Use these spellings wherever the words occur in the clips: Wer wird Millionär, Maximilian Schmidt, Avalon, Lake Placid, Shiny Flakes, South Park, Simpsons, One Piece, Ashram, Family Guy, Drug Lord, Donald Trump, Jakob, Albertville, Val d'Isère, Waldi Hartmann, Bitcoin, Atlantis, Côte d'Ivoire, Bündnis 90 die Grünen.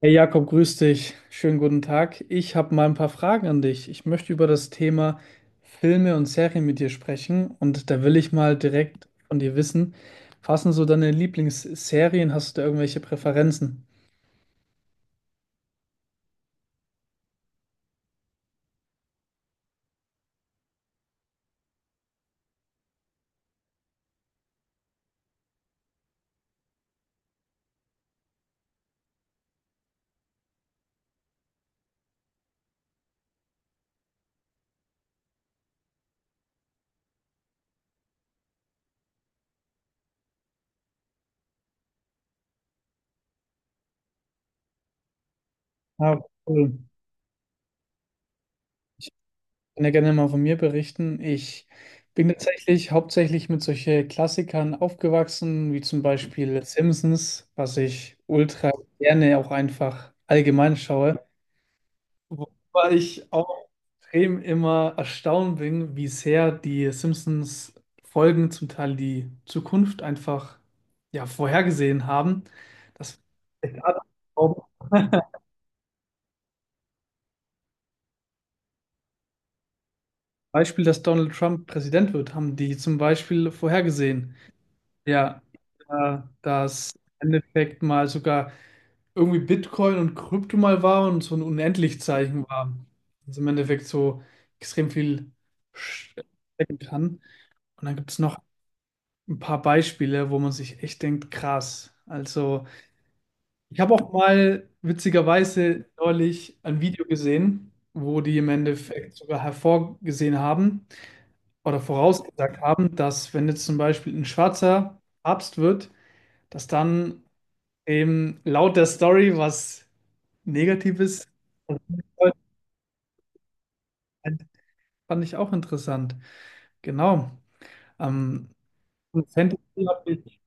Hey Jakob, grüß dich. Schönen guten Tag. Ich habe mal ein paar Fragen an dich. Ich möchte über das Thema Filme und Serien mit dir sprechen und da will ich mal direkt von dir wissen, was sind so deine Lieblingsserien? Hast du da irgendwelche Präferenzen? Ah, cool. Ich kann ja gerne mal von mir berichten. Ich bin tatsächlich hauptsächlich mit solchen Klassikern aufgewachsen, wie zum Beispiel Simpsons, was ich ultra gerne auch einfach allgemein schaue. Wobei ich auch extrem immer erstaunt bin, wie sehr die Simpsons-Folgen zum Teil die Zukunft einfach ja, vorhergesehen haben. Das gerade auch Beispiel, dass Donald Trump Präsident wird, haben die zum Beispiel vorhergesehen. Ja, dass im Endeffekt mal sogar irgendwie Bitcoin und Krypto mal war und so ein Unendlichzeichen war. Also im Endeffekt so extrem viel stecken kann. Und dann gibt es noch ein paar Beispiele, wo man sich echt denkt, krass. Also, ich habe auch mal witzigerweise neulich ein Video gesehen, wo die im Endeffekt sogar hervorgesehen haben oder vorausgesagt haben, dass wenn jetzt zum Beispiel ein schwarzer Papst wird, dass dann eben laut der Story was Negatives fand ich auch interessant. Genau. Ähm, Fantasy, hab ich-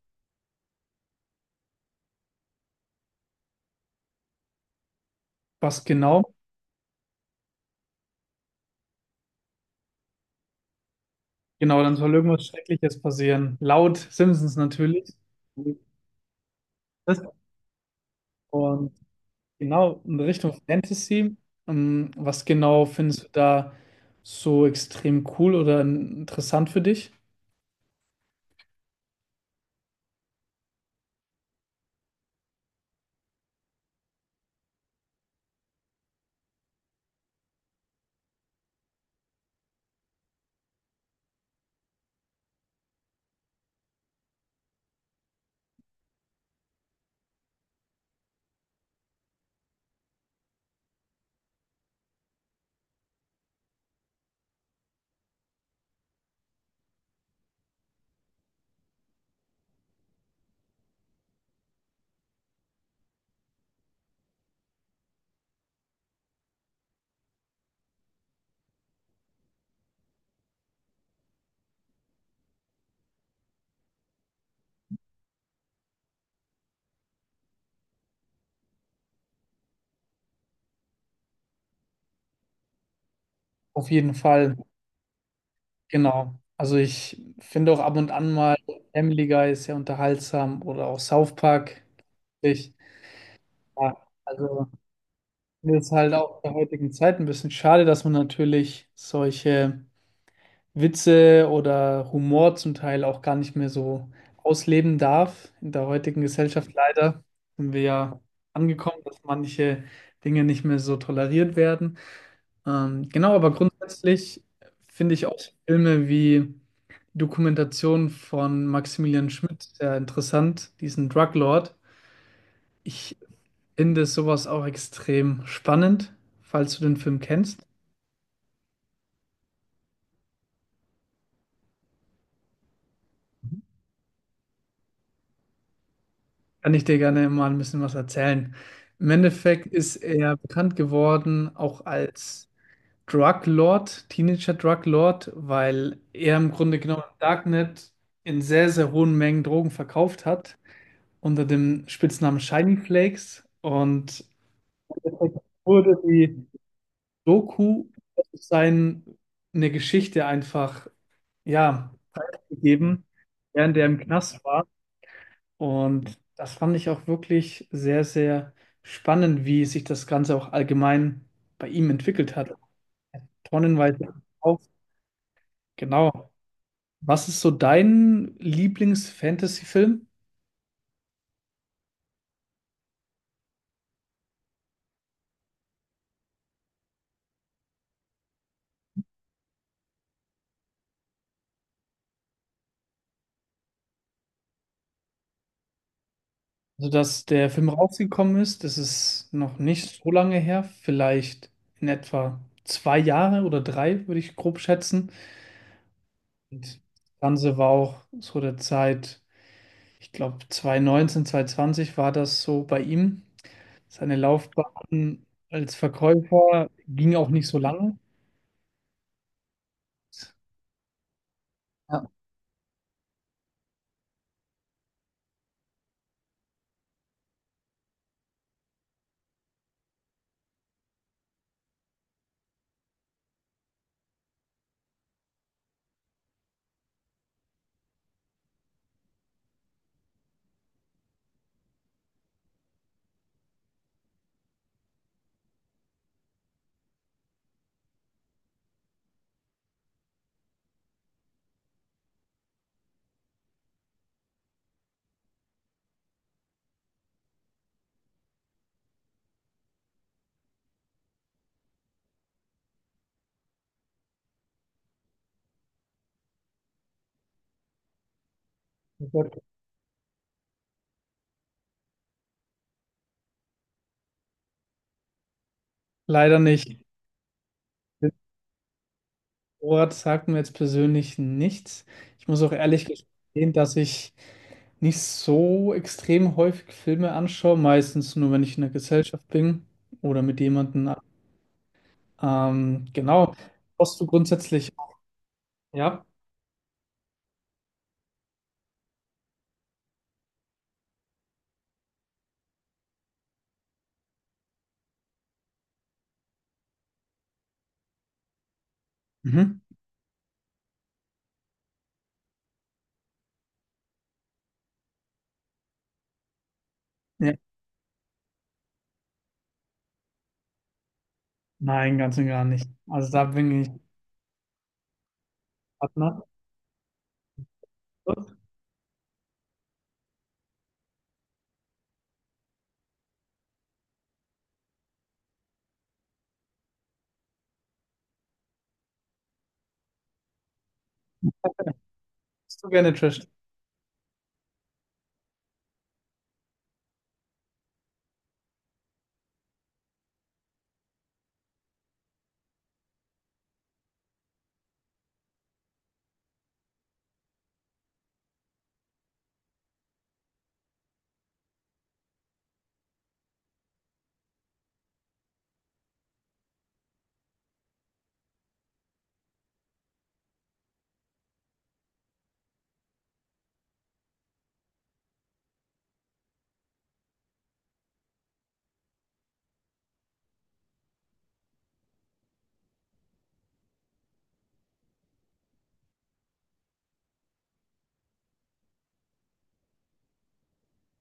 was genau? Genau, dann soll irgendwas Schreckliches passieren. Laut Simpsons natürlich. Das- Und genau in Richtung Fantasy. Was genau findest du da so extrem cool oder interessant für dich? Auf jeden Fall, genau. Also ich finde auch ab und an mal Family Guy ist sehr unterhaltsam oder auch South Park. Ich, ja, also mir ist halt auch in der heutigen Zeit ein bisschen schade, dass man natürlich solche Witze oder Humor zum Teil auch gar nicht mehr so ausleben darf. In der heutigen Gesellschaft leider sind wir ja angekommen, dass manche Dinge nicht mehr so toleriert werden. Genau, aber grundsätzlich finde ich auch Filme wie die Dokumentation von Maximilian Schmidt sehr interessant, diesen Drug Lord. Ich finde sowas auch extrem spannend, falls du den Film kennst. Kann ich dir gerne mal ein bisschen was erzählen. Im Endeffekt ist er bekannt geworden auch als Drug Lord, Teenager Drug Lord, weil er im Grunde genommen im Darknet in sehr, sehr hohen Mengen Drogen verkauft hat, unter dem Spitznamen Shiny Flakes. Und im Endeffekt wurde die Doku seine Geschichte einfach, ja, gegeben, während er im Knast war. Und das fand ich auch wirklich sehr, sehr spannend, wie sich das Ganze auch allgemein bei ihm entwickelt hat. Tonnenweise auf. Genau. Was ist so dein Lieblings-Fantasy-Film? Also, dass der Film rausgekommen ist, das ist noch nicht so lange her, vielleicht in etwa 2 Jahre oder drei, würde ich grob schätzen. Und das Ganze war auch so der Zeit, ich glaube 2019, zwanzig war das so bei ihm. Seine Laufbahn als Verkäufer ging auch nicht so lange. Ja. Leider nicht. Ort sagt mir jetzt persönlich nichts. Ich muss auch ehrlich gestehen, dass ich nicht so extrem häufig Filme anschaue, meistens nur, wenn ich in der Gesellschaft bin oder mit jemandem. Genau. Hast du grundsätzlich, ja? Mhm. Ja. Nein, ganz und gar nicht. Also da bin ich Partner. Hast du gerne Trash?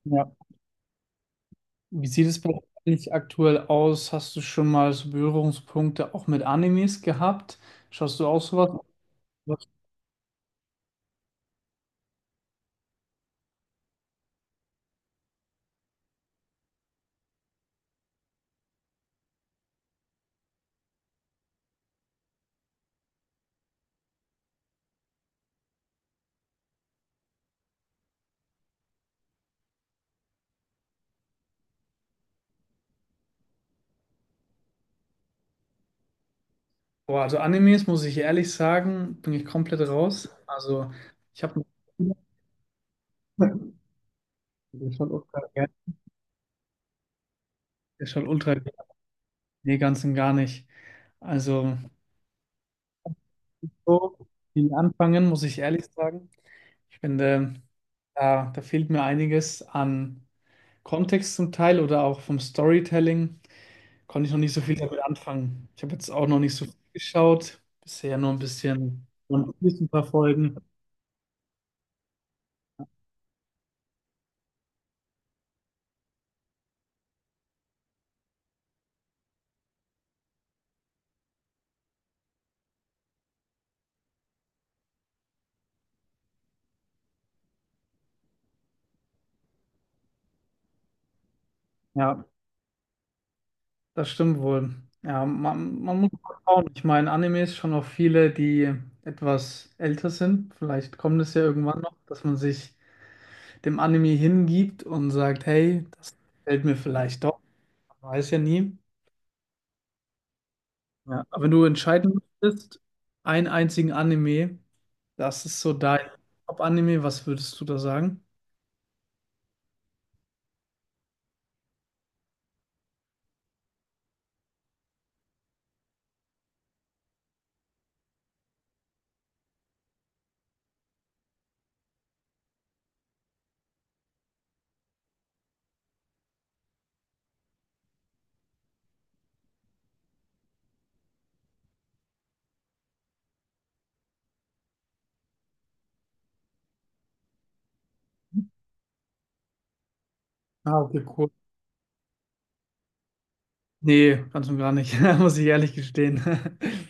Ja. Wie sieht es bei dir eigentlich aktuell aus? Hast du schon mal so Berührungspunkte auch mit Animes gehabt? Schaust du auch sowas? Was- Boah, also Animes, muss ich ehrlich sagen, bin ich komplett raus. Also ich habe... Der schaut ultra gerne. Der schaut ultra gerne. Nee, ganz und gar nicht. Also so viel anfangen, muss ich ehrlich sagen. Ich finde, da fehlt mir einiges an Kontext zum Teil oder auch vom Storytelling. Konnte ich noch nicht so viel damit anfangen. Ich habe jetzt auch noch nicht so viel geschaut. Bisher nur ein bisschen One Piece ein paar Folgen. Ja, das stimmt wohl. Ja, man muss mal schauen. Ich meine, Animes schon auch viele, die etwas älter sind. Vielleicht kommt es ja irgendwann noch, dass man sich dem Anime hingibt und sagt, hey, das gefällt mir vielleicht doch. Man weiß ja nie. Ja, aber wenn du entscheiden müsstest, einen einzigen Anime, das ist so dein Top-Anime, was würdest du da sagen? Ah, okay, cool. Nee, ganz und gar nicht, muss ich ehrlich gestehen.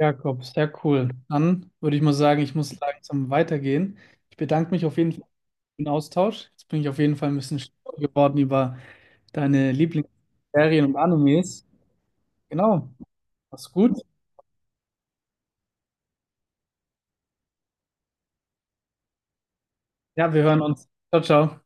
Jakob, sehr cool. Dann würde ich mal sagen, ich muss langsam weitergehen. Ich bedanke mich auf jeden Fall für den Austausch. Jetzt bin ich auf jeden Fall ein bisschen schlauer geworden über deine Lieblingsserien und Animes. Genau, mach's gut. Ja, wir hören uns. Ciao, ciao.